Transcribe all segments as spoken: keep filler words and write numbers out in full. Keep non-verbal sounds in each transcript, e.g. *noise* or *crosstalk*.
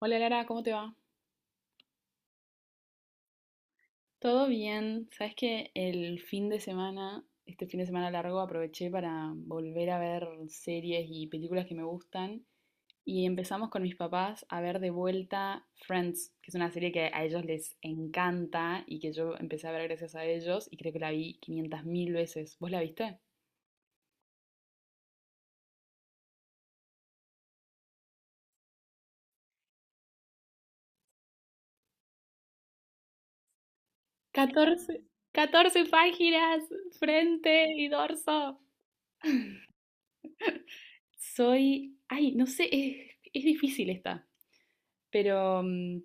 Hola Lara, ¿cómo te va? Todo bien. Sabes que el fin de semana, este fin de semana largo, aproveché para volver a ver series y películas que me gustan. Y empezamos con mis papás a ver de vuelta Friends, que es una serie que a ellos les encanta y que yo empecé a ver gracias a ellos y creo que la vi quinientas mil veces. ¿Vos la viste? Catorce, catorce páginas, frente y dorso. Soy, ay, no sé, es, es difícil esta, pero mm,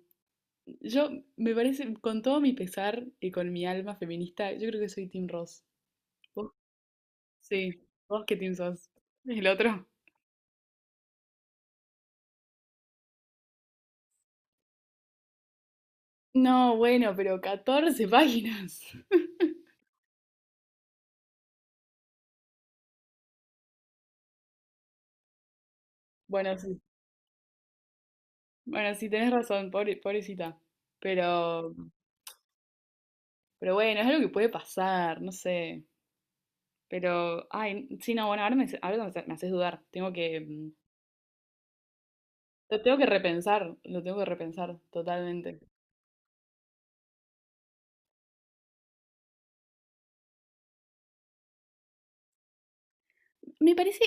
Yo, me parece, con todo mi pesar y con mi alma feminista, yo creo que soy Team Ross. ¿Vos? Sí, ¿vos qué team sos? ¿El otro? No, bueno, pero catorce páginas. *laughs* Bueno, sí. Bueno, sí, tenés razón, pobre- pobrecita. Pero, pero bueno, es algo que puede pasar, no sé. Pero, ay, sí, no, bueno, ahora me, ahora me me haces dudar. Tengo que, mm, lo tengo que repensar, lo tengo que repensar totalmente. Me parece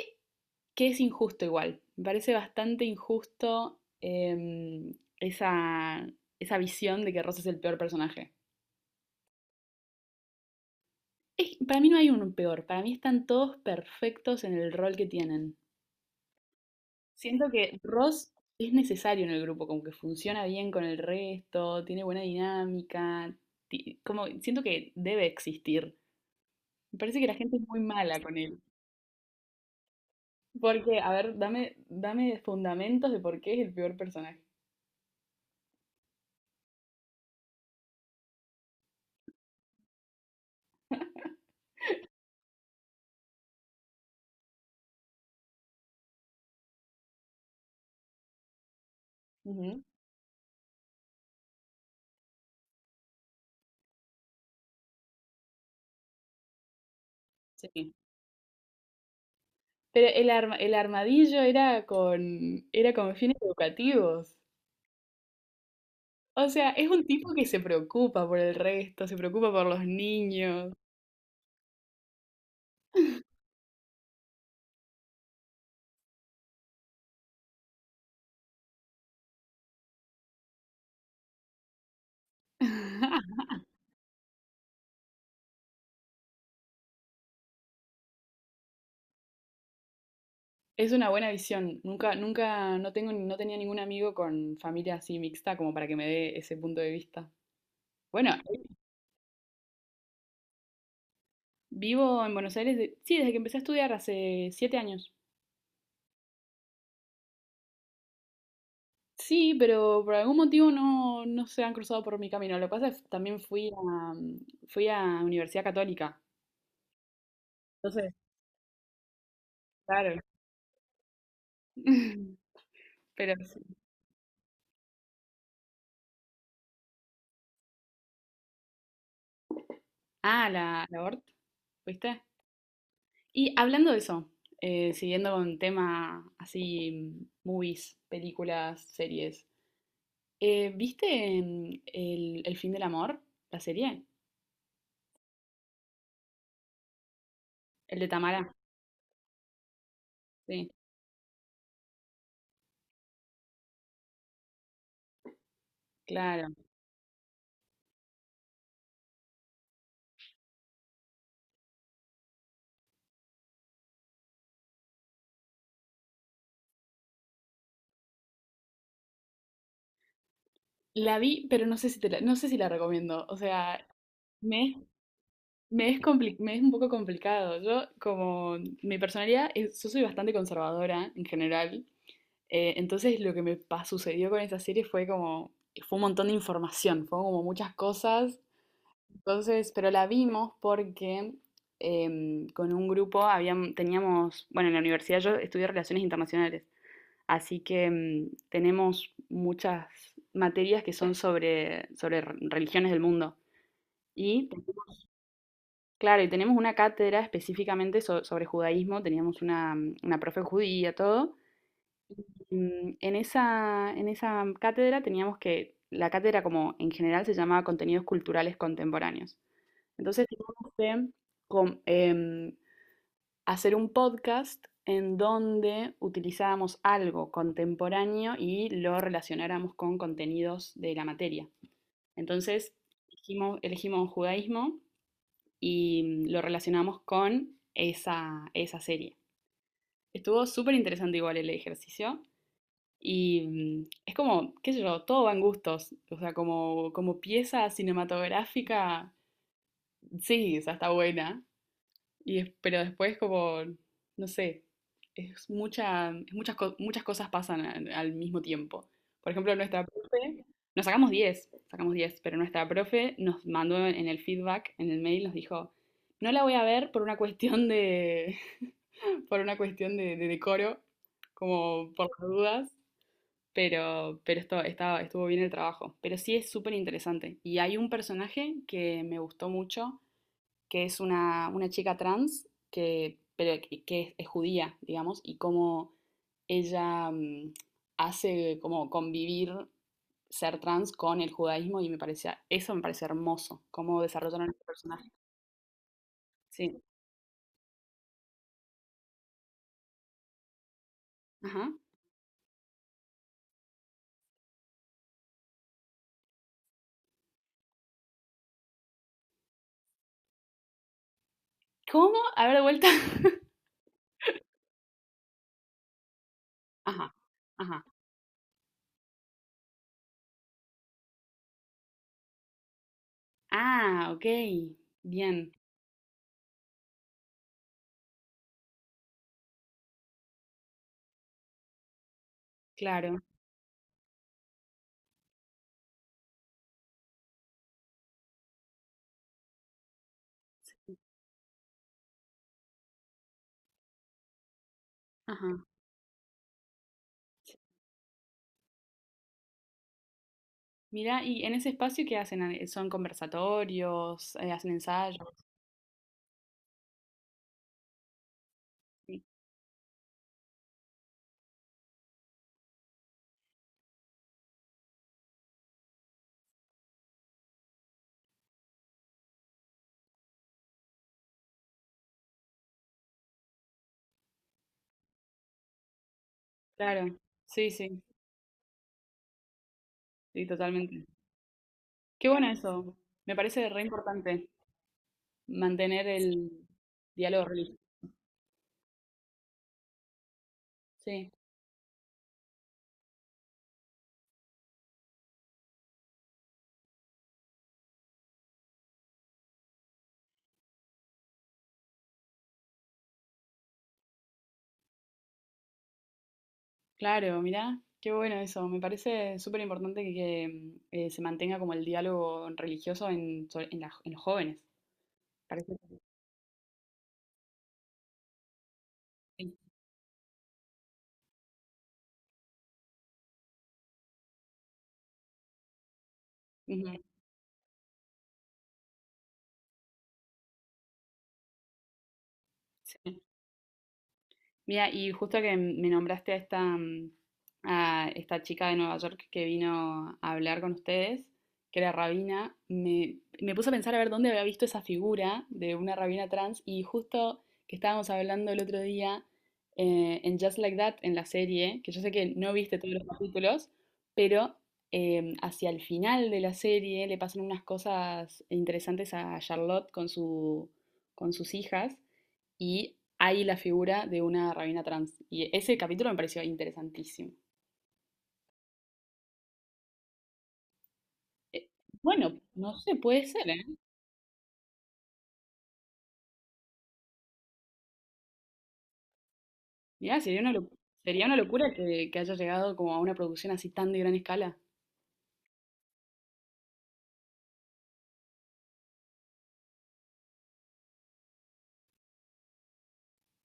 que es injusto igual. Me parece bastante injusto em, esa, esa visión de que Ross es el peor personaje. Es- para mí no hay un peor, para mí están todos perfectos en el rol que tienen. Siento que Ross es necesario en el grupo, como que funciona bien con el resto, tiene buena dinámica, ti- como siento que debe existir. Me parece que la gente es muy mala con él. Porque, a ver, dame, dame fundamentos de por qué es el peor personaje. Ujú. Sí. Pero el arma- el armadillo era con, era con, fines educativos. O sea, es un tipo que se preocupa por el resto, se preocupa por los niños. *laughs* Es una buena visión. Nunca, nunca, no tengo, no tenía ningún amigo con familia así mixta como para que me dé ese punto de vista. Bueno, vivo en Buenos Aires, de- sí, desde que empecé a estudiar hace siete años. Sí, pero por algún motivo no, no se han cruzado por mi camino. Lo que pasa es que también fui a, fui a Universidad Católica. Entonces, claro. *laughs* Pero sí. Ah, la, la Hort, ¿viste? Y hablando de eso, eh, siguiendo con tema así, movies, películas, series, eh, ¿viste mm, el, el fin del amor? La serie, el de Tamara, sí, claro. La vi, pero no sé si te la, no sé si la recomiendo. O sea, me es, me es, compli- me es un poco complicado. Yo, como mi personalidad, es- yo soy bastante conservadora en general. Eh, entonces lo que me pa- sucedió con esa serie fue como, fue un montón de información, fue como muchas cosas. Entonces, pero la vimos porque em, con un grupo habíam- teníamos, bueno, en la universidad yo estudié relaciones internacionales, así que em, tenemos muchas materias que son sobre, sobre re- religiones del mundo. Y, te- claro, y tenemos una cátedra específicamente so- sobre judaísmo, teníamos una, mm, una profe judía, todo. Mm, En esa, en esa cátedra teníamos que, la cátedra como en general se llamaba Contenidos Culturales Contemporáneos. Entonces teníamos que com- em, hacer un podcast en donde utilizábamos algo contemporáneo y lo relacionáramos con contenidos de la materia. Entonces elegimos, elegimos judaísmo y mm, lo relacionamos con esa, esa serie. Estuvo súper interesante igual el ejercicio. Y mm, es como, qué sé yo, todo va en gustos. O sea, como, como pieza cinematográfica, sí, o sea, está buena. Y es- pero después como, no sé, es mucha, es muchas, co- muchas cosas pasan al, al mismo tiempo. Por ejemplo, nuestra profe, nos sacamos diez sacamos diez pero nuestra profe nos mandó en el feedback, en el mail, nos dijo, no la voy a ver por una cuestión de, *laughs* por una cuestión de, de decoro, como por las dudas. Pero, pero esto, estaba, estuvo bien el trabajo. Pero sí es súper interesante. Y hay un personaje que me gustó mucho, que es una, una chica trans, que, pero, que que es, es judía, digamos, y cómo ella mm, hace como convivir ser trans con el judaísmo y me parecía, eso me parece hermoso, cómo desarrollaron este personaje. Sí. Ajá. ¿Cómo? A ver, de vuelta. *laughs* Ajá, ajá. Ah, ok. Bien, claro. Ajá. Mira, y en ese espacio, ¿qué hacen? Ah, ¿son conversatorios? eh, ¿Hacen ensayos? Sí, claro, sí, sí, sí, totalmente. Qué bueno eso. Me parece re importante mantener el diálogo religioso. Sí, claro, mira, qué bueno eso. Me parece súper importante que, que, mm, eh, se mantenga como el diálogo religioso en, so- en la- en los jóvenes. Parece que sí. Ujú, sí. Mira, y justo que me nombraste a esta, mm, a esta chica de Nueva York que vino a hablar con ustedes, que era rabina, me, me puse a pensar a ver dónde había visto esa figura de una rabina trans y justo que estábamos hablando el otro día eh, en Just Like That, en la serie, que yo sé que no viste todos los capítulos, pero em, hacia el final de la serie le pasan unas cosas interesantes a Charlotte con su, con sus hijas y hay la figura de una rabina trans. Y ese capítulo me pareció interesantísimo. Eh, Bueno, no sé, puede ser, ¿eh? Mirá, sería una, lo- sería una locura que, que haya llegado como a una producción así tan de gran escala.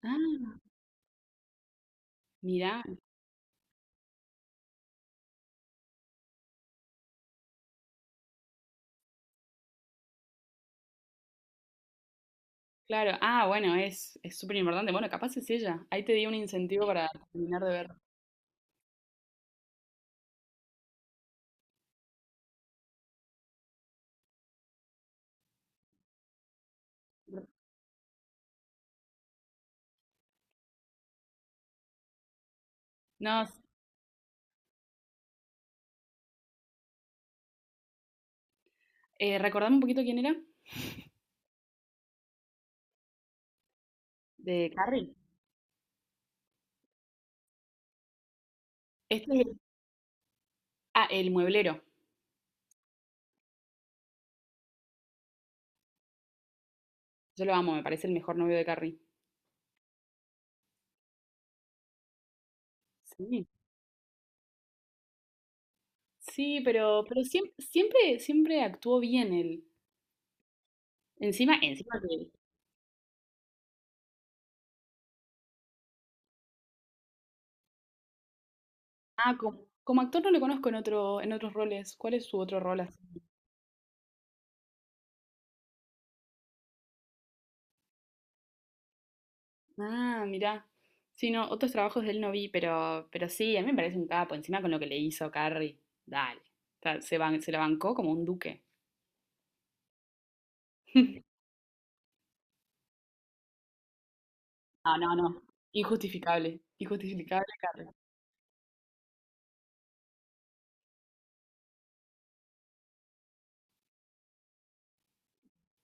Ah, mirá, claro. Ah, bueno, es es súper importante. Bueno, capaz es ella. Ahí te di un incentivo para terminar de ver. No, eh, recordame un poquito quién era. De Carrie. Este es el, ah, el mueblero. Yo lo amo, me parece el mejor novio de Carrie. Sí. Sí, pero, pero siempre, siempre, siempre actuó bien él. Encima, encima que- Ah, como, como actor no lo conozco en otro, en otros roles. ¿Cuál es su otro rol así? Ah, mirá. Sí, no, otros trabajos de él no vi, pero, pero sí, a mí me parece un capo. Encima con lo que le hizo Carrie. Dale. O sea, se, ban- se la bancó como un duque. *laughs* No, no, no. Injustificable. Injustificable, Carrie.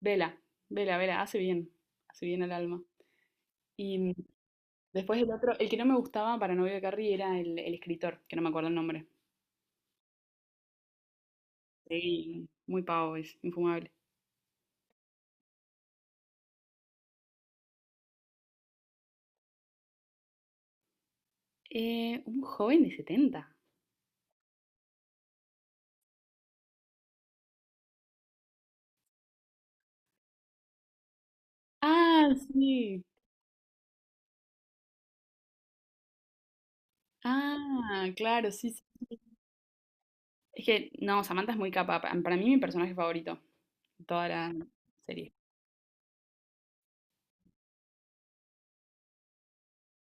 Vela, vela, vela. Hace bien. Hace bien al alma, y después el otro, el que no me gustaba para novio de Carrie era el, el escritor, que no me acuerdo el nombre. Sí, muy pavo, es infumable. Eh, un joven de setenta. Ah, sí. Ah, claro, sí, sí. Sí. Es que, no, Samantha es muy capa. pa- Para mí mi personaje favorito de toda la serie.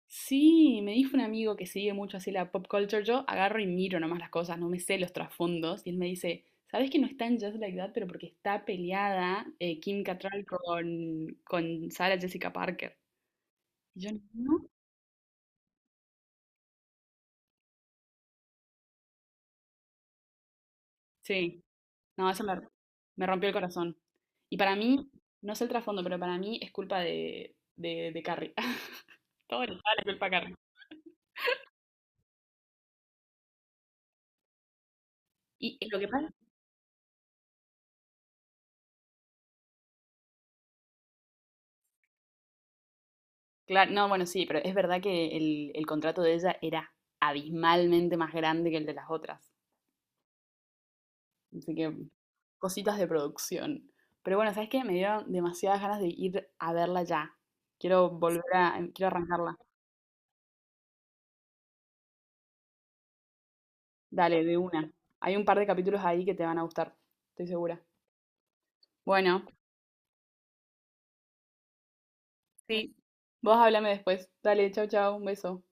Sí, me dijo un amigo que sigue mucho así la pop culture. Yo agarro y miro nomás las cosas, no me sé los trasfondos. Y él me dice, ¿sabes que no está en Just Like That? Pero porque está peleada eh, Kim Cattrall con, con Sarah Jessica Parker. Y yo, ¿no? Sí, no, eso me, me rompió el corazón. Y para mí, no sé el trasfondo, pero para mí es culpa de, de, de Carrie. *laughs* Todo le toda culpa a Carrie. Y lo que pasa, claro, no, bueno, sí, pero es verdad que el, el contrato de ella era abismalmente más grande que el de las otras. Así que cositas de producción. Pero bueno, ¿sabes qué? Me dieron demasiadas ganas de ir a verla ya. Quiero volver a, em, Quiero arrancarla. Dale, de una. Hay un par de capítulos ahí que te van a gustar, estoy segura. Bueno, sí, vos háblame después. Dale, chau, chau, un beso.